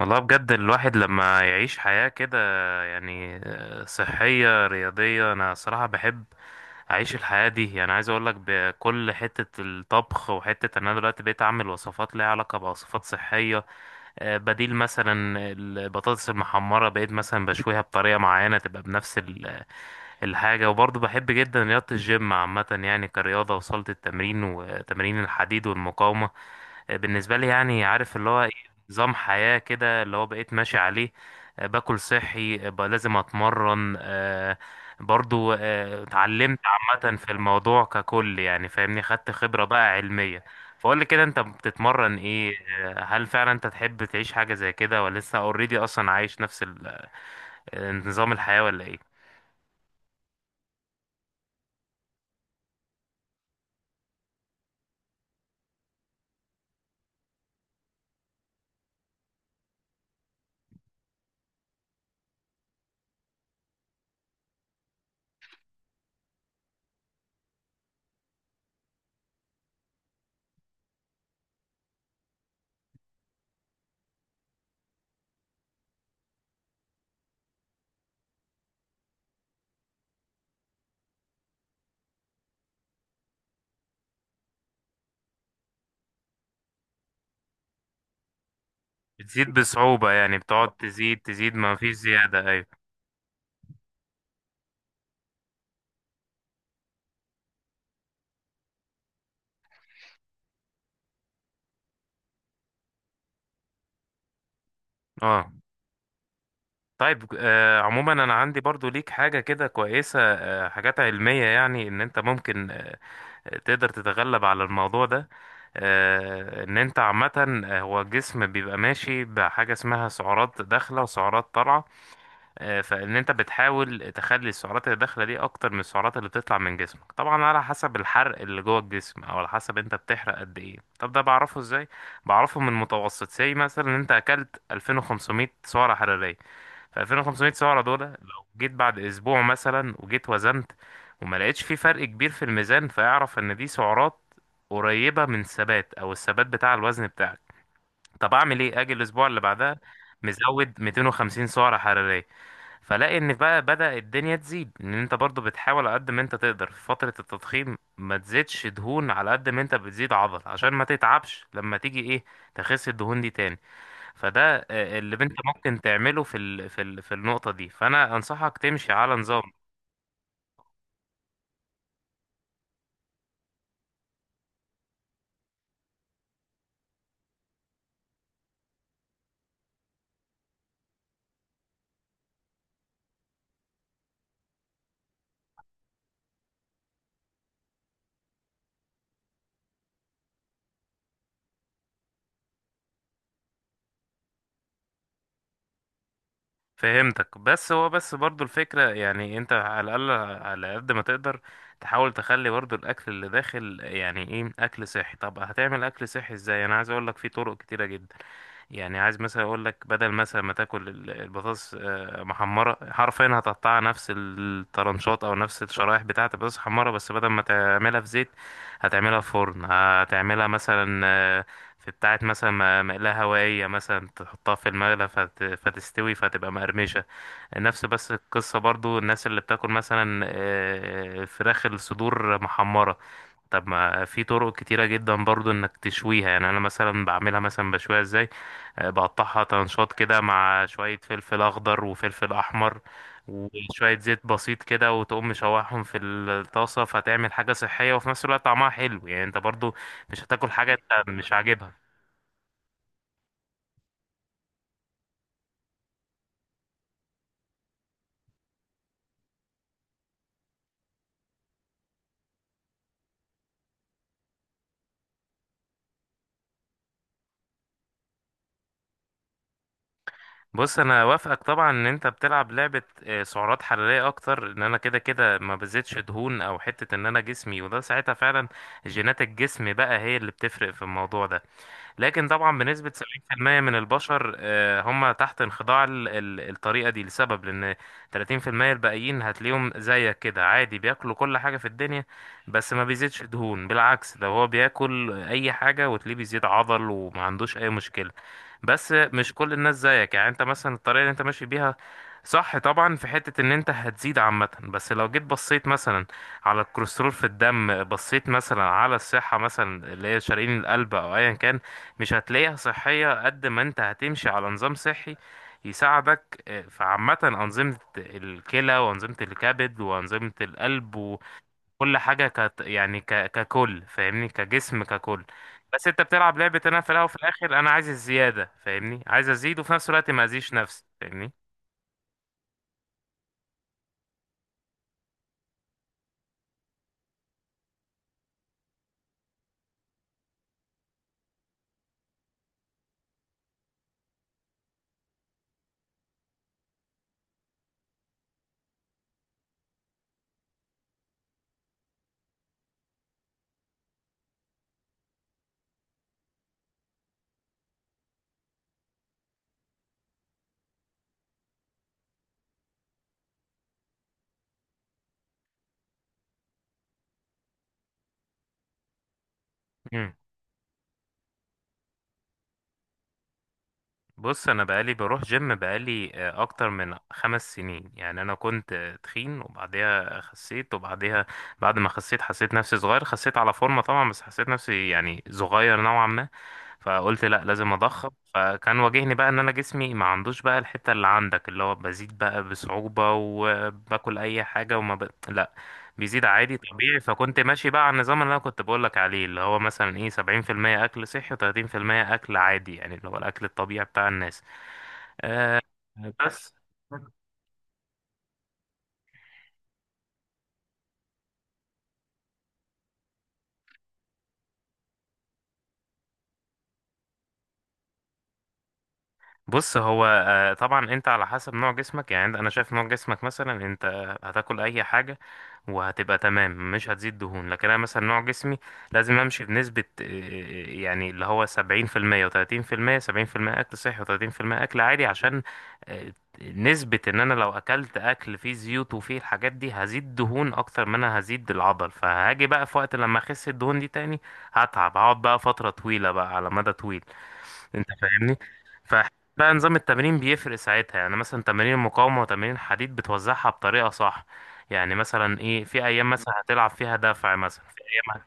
والله بجد الواحد لما يعيش حياة كده يعني صحية رياضية، أنا صراحة بحب أعيش الحياة دي، يعني عايز أقولك بكل حتة الطبخ وحتة أن أنا دلوقتي بقيت أعمل وصفات ليها علاقة بوصفات صحية. بديل مثلا البطاطس المحمرة بقيت مثلا بشويها بطريقة معينة تبقى بنفس الحاجة. وبرضه بحب جدا رياضة الجيم عامة، يعني كرياضة وصلت التمرين وتمرين الحديد والمقاومة. بالنسبة لي يعني عارف اللي هو إيه، نظام حياة كده اللي هو بقيت ماشي عليه. باكل صحي، بقى لازم اتمرن، آه، برضو آه، اتعلمت عامة في الموضوع ككل، يعني فاهمني، خدت خبرة بقى علمية. فقول لي كده انت بتتمرن ايه؟ هل فعلا انت تحب تعيش حاجة زي كده، ولا لسه اوريدي اصلا عايش نفس نظام الحياة ولا ايه؟ بتزيد بصعوبة، يعني بتقعد تزيد تزيد ما فيش زيادة، ايوه. اه، طيب. عموما انا عندي برضو ليك حاجة كده كويسة، حاجات علمية، يعني ان انت ممكن تقدر تتغلب على الموضوع ده. ان انت عامة، هو الجسم بيبقى ماشي بحاجة اسمها سعرات داخلة وسعرات طالعة. فان انت بتحاول تخلي السعرات اللي داخلة دي اكتر من السعرات اللي بتطلع من جسمك، طبعا على حسب الحرق اللي جوه الجسم، او على حسب انت بتحرق قد ايه. طب ده بعرفه ازاي؟ بعرفه من متوسط، زي مثلا ان انت اكلت 2500 سعرة حرارية، ف 2500 سعرة دول لو جيت بعد اسبوع مثلا وجيت وزنت وما لقيتش في فرق كبير في الميزان، فاعرف ان دي سعرات قريبة من الثبات او الثبات بتاع الوزن بتاعك. طب اعمل ايه؟ اجي الاسبوع اللي بعدها مزود 250 سعرة حرارية، فلاقي ان بقى بدأ الدنيا تزيد. ان انت برضو بتحاول على قد ما انت تقدر في فترة التضخيم ما تزيدش دهون على قد ما انت بتزيد عضل، عشان ما تتعبش لما تيجي ايه تخس الدهون دي تاني. فده اللي انت ممكن تعمله في النقطة دي، فانا انصحك تمشي على نظام. فهمتك، بس هو بس برضو الفكرة يعني انت على الأقل، على قد ما تقدر تحاول تخلي برضو الأكل اللي داخل يعني ايه أكل صحي. طب هتعمل أكل صحي ازاي؟ أنا عايز أقولك في طرق كتيرة جدا. يعني عايز مثلا أقولك بدل مثلا ما تاكل البطاطس محمرة، حرفيا هتقطعها نفس الطرنشات أو نفس الشرايح بتاعة البطاطس محمرة، بس بدل ما تعملها في زيت هتعملها في فرن، هتعملها مثلا في بتاعة مثلا مقلاة هوائية، مثلا تحطها في المقلة فتستوي فتبقى مقرمشة نفس بس القصة. برضو الناس اللي بتاكل مثلا فراخ الصدور محمرة، طب ما في طرق كتيرة جدا برضو انك تشويها، يعني انا مثلا بعملها مثلا بشويها ازاي؟ بقطعها تنشاط كده مع شوية فلفل اخضر وفلفل احمر وشوية زيت بسيط كده، وتقوم مشوحهم في الطاسة، فتعمل حاجة صحية وفي نفس الوقت طعمها حلو، يعني انت برضو مش هتاكل حاجة انت مش عاجبها. بص انا وافقك طبعا ان انت بتلعب لعبة سعرات حرارية اكتر، ان انا كده كده ما بزيدش دهون، او حتة ان انا جسمي، وده ساعتها فعلا جينات الجسم بقى هي اللي بتفرق في الموضوع ده. لكن طبعا بنسبة 70% من البشر، هم تحت انخضاع الطريقة دي لسبب، لأن 30% الباقيين هتلاقيهم زيك كده عادي، بياكلوا كل حاجة في الدنيا بس ما بيزيدش دهون. بالعكس، ده هو بياكل أي حاجة وتلاقيه بيزيد عضل وما عندوش أي مشكلة. بس مش كل الناس زيك، يعني أنت مثلا الطريقة اللي أنت ماشي بيها صح طبعا، في حتة ان انت هتزيد عامة، بس لو جيت بصيت مثلا على الكوليسترول في الدم، بصيت مثلا على الصحة مثلا اللي هي شرايين القلب او ايا كان، مش هتلاقيها صحية قد ما انت هتمشي على نظام صحي يساعدك في عامة أنظمة الكلى وأنظمة الكبد وأنظمة القلب وكل حاجة ككل، فاهمني، كجسم ككل. بس انت بتلعب لعبة انا في الأول وفي الآخر أنا عايز الزيادة، فاهمني، عايز أزيد وفي نفس الوقت ما أذيش نفسي، فاهمني. بص انا بقالي بروح جيم بقالي اكتر من خمس سنين، يعني انا كنت تخين وبعديها خسيت، وبعديها بعد ما خسيت حسيت نفسي صغير، خسيت على فورمة طبعا بس حسيت نفسي يعني صغير نوعا ما. فقلت لا، لازم اضخم. فكان واجهني بقى ان انا جسمي ما عندوش بقى الحتة اللي عندك، اللي هو بزيد بقى بصعوبة وباكل اي حاجة لا بيزيد عادي طبيعي. فكنت ماشي بقى على النظام اللي انا كنت بقولك عليه، اللي هو مثلا ايه سبعين في المية اكل صحي وتلاتين في المية اكل عادي، يعني اللي هو الاكل الطبيعي بتاع الناس. بس بص هو طبعا انت على حسب نوع جسمك، يعني انا شايف نوع جسمك مثلا انت هتاكل اي حاجه وهتبقى تمام، مش هتزيد دهون. لكن انا مثلا نوع جسمي لازم امشي بنسبه يعني اللي هو 70% و30%، 70% اكل صحي و30% اكل عادي، عشان آه، نسبه ان انا لو اكلت اكل فيه زيوت وفيه الحاجات دي هزيد دهون اكتر ما انا هزيد العضل، فهاجي بقى في وقت لما اخس الدهون دي تاني هتعب، هقعد بقى فتره طويله بقى على مدى طويل. انت فاهمني. فبقى نظام التمرين بيفرق ساعتها، يعني مثلا تمارين المقاومة وتمارين الحديد بتوزعها بطريقة صح، يعني مثلا ايه في ايام مثلا هتلعب فيها دفع، مثلا في ايام.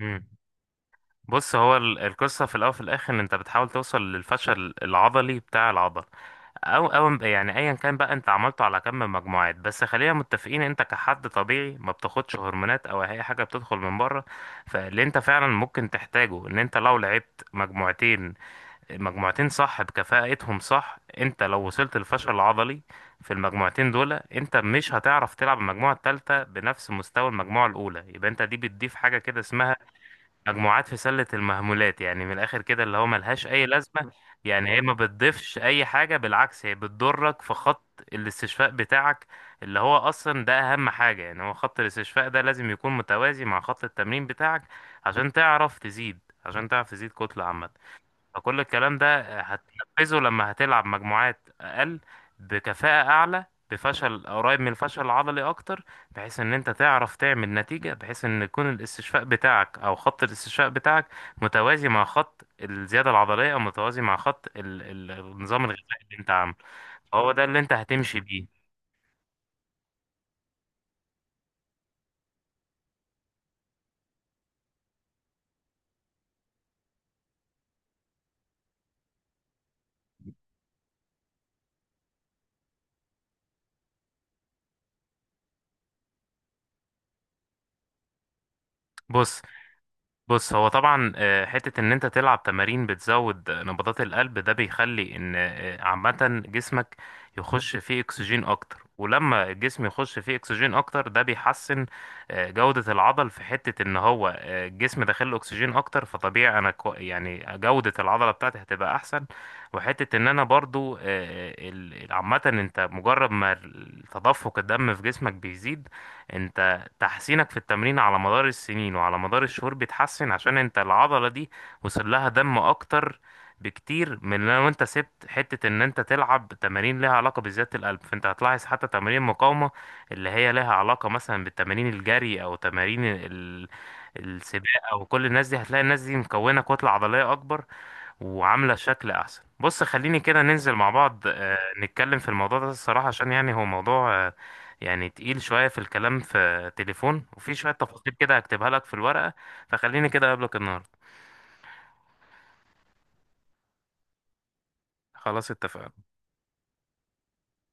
مم. بص هو القصة في الاول وفي الاخر ان انت بتحاول توصل للفشل العضلي بتاع العضل، او يعني ايا كان بقى انت عملته على كم من مجموعات. بس خلينا متفقين انت كحد طبيعي ما بتاخدش هرمونات او اي حاجه بتدخل من بره. فاللي انت فعلا ممكن تحتاجه ان انت لو لعبت مجموعتين، المجموعتين صح بكفاءتهم صح، انت لو وصلت للفشل العضلي في المجموعتين دول، انت مش هتعرف تلعب المجموعة التالتة بنفس مستوى المجموعة الأولى. يبقى انت دي بتضيف حاجة كده اسمها مجموعات في سلة المهملات، يعني من الآخر كده، اللي هو ملهاش أي لازمة. يعني هي ما بتضيفش أي حاجة، بالعكس هي بتضرك في خط الاستشفاء بتاعك، اللي هو أصلا ده أهم حاجة. يعني هو خط الاستشفاء ده لازم يكون متوازي مع خط التمرين بتاعك عشان تعرف تزيد، عشان تعرف تزيد كتلة عامة. فكل الكلام ده هتنفذه لما هتلعب مجموعات أقل بكفاءة أعلى، بفشل قريب من الفشل العضلي أكتر، بحيث إن أنت تعرف تعمل نتيجة، بحيث إن يكون الاستشفاء بتاعك أو خط الاستشفاء بتاعك متوازي مع خط الزيادة العضلية، أو متوازي مع خط النظام الغذائي اللي أنت عامله. هو ده اللي أنت هتمشي بيه. بص بص هو طبعا حتة ان انت تلعب تمارين بتزود نبضات القلب ده بيخلي ان عامة جسمك يخش فيه اكسجين اكتر. ولما الجسم يخش فيه اكسجين اكتر ده بيحسن جودة العضل، في حتة ان هو الجسم داخل له اكسجين اكتر، فطبيعي انا كو يعني جودة العضلة بتاعتي هتبقى احسن. وحتة ان انا برضو عامة انت مجرد ما تدفق الدم في جسمك بيزيد، انت تحسينك في التمرين على مدار السنين وعلى مدار الشهور بيتحسن، عشان انت العضلة دي وصل لها دم اكتر بكتير من لو انت سبت حتة ان انت تلعب تمارين لها علاقة بزيادة القلب. فانت هتلاحظ حتى تمارين المقاومة اللي هي لها علاقة مثلا بالتمارين الجري او تمارين السباق او كل الناس دي، هتلاقي الناس دي مكونة كتلة عضلية اكبر وعاملة شكل أحسن. بص خليني كده ننزل مع بعض نتكلم في الموضوع ده الصراحة، عشان يعني هو موضوع يعني تقيل شوية في الكلام في تليفون، وفي شوية تفاصيل كده هكتبها لك في الورقة. فخليني كده أقابلك النهاردة. خلاص اتفقنا.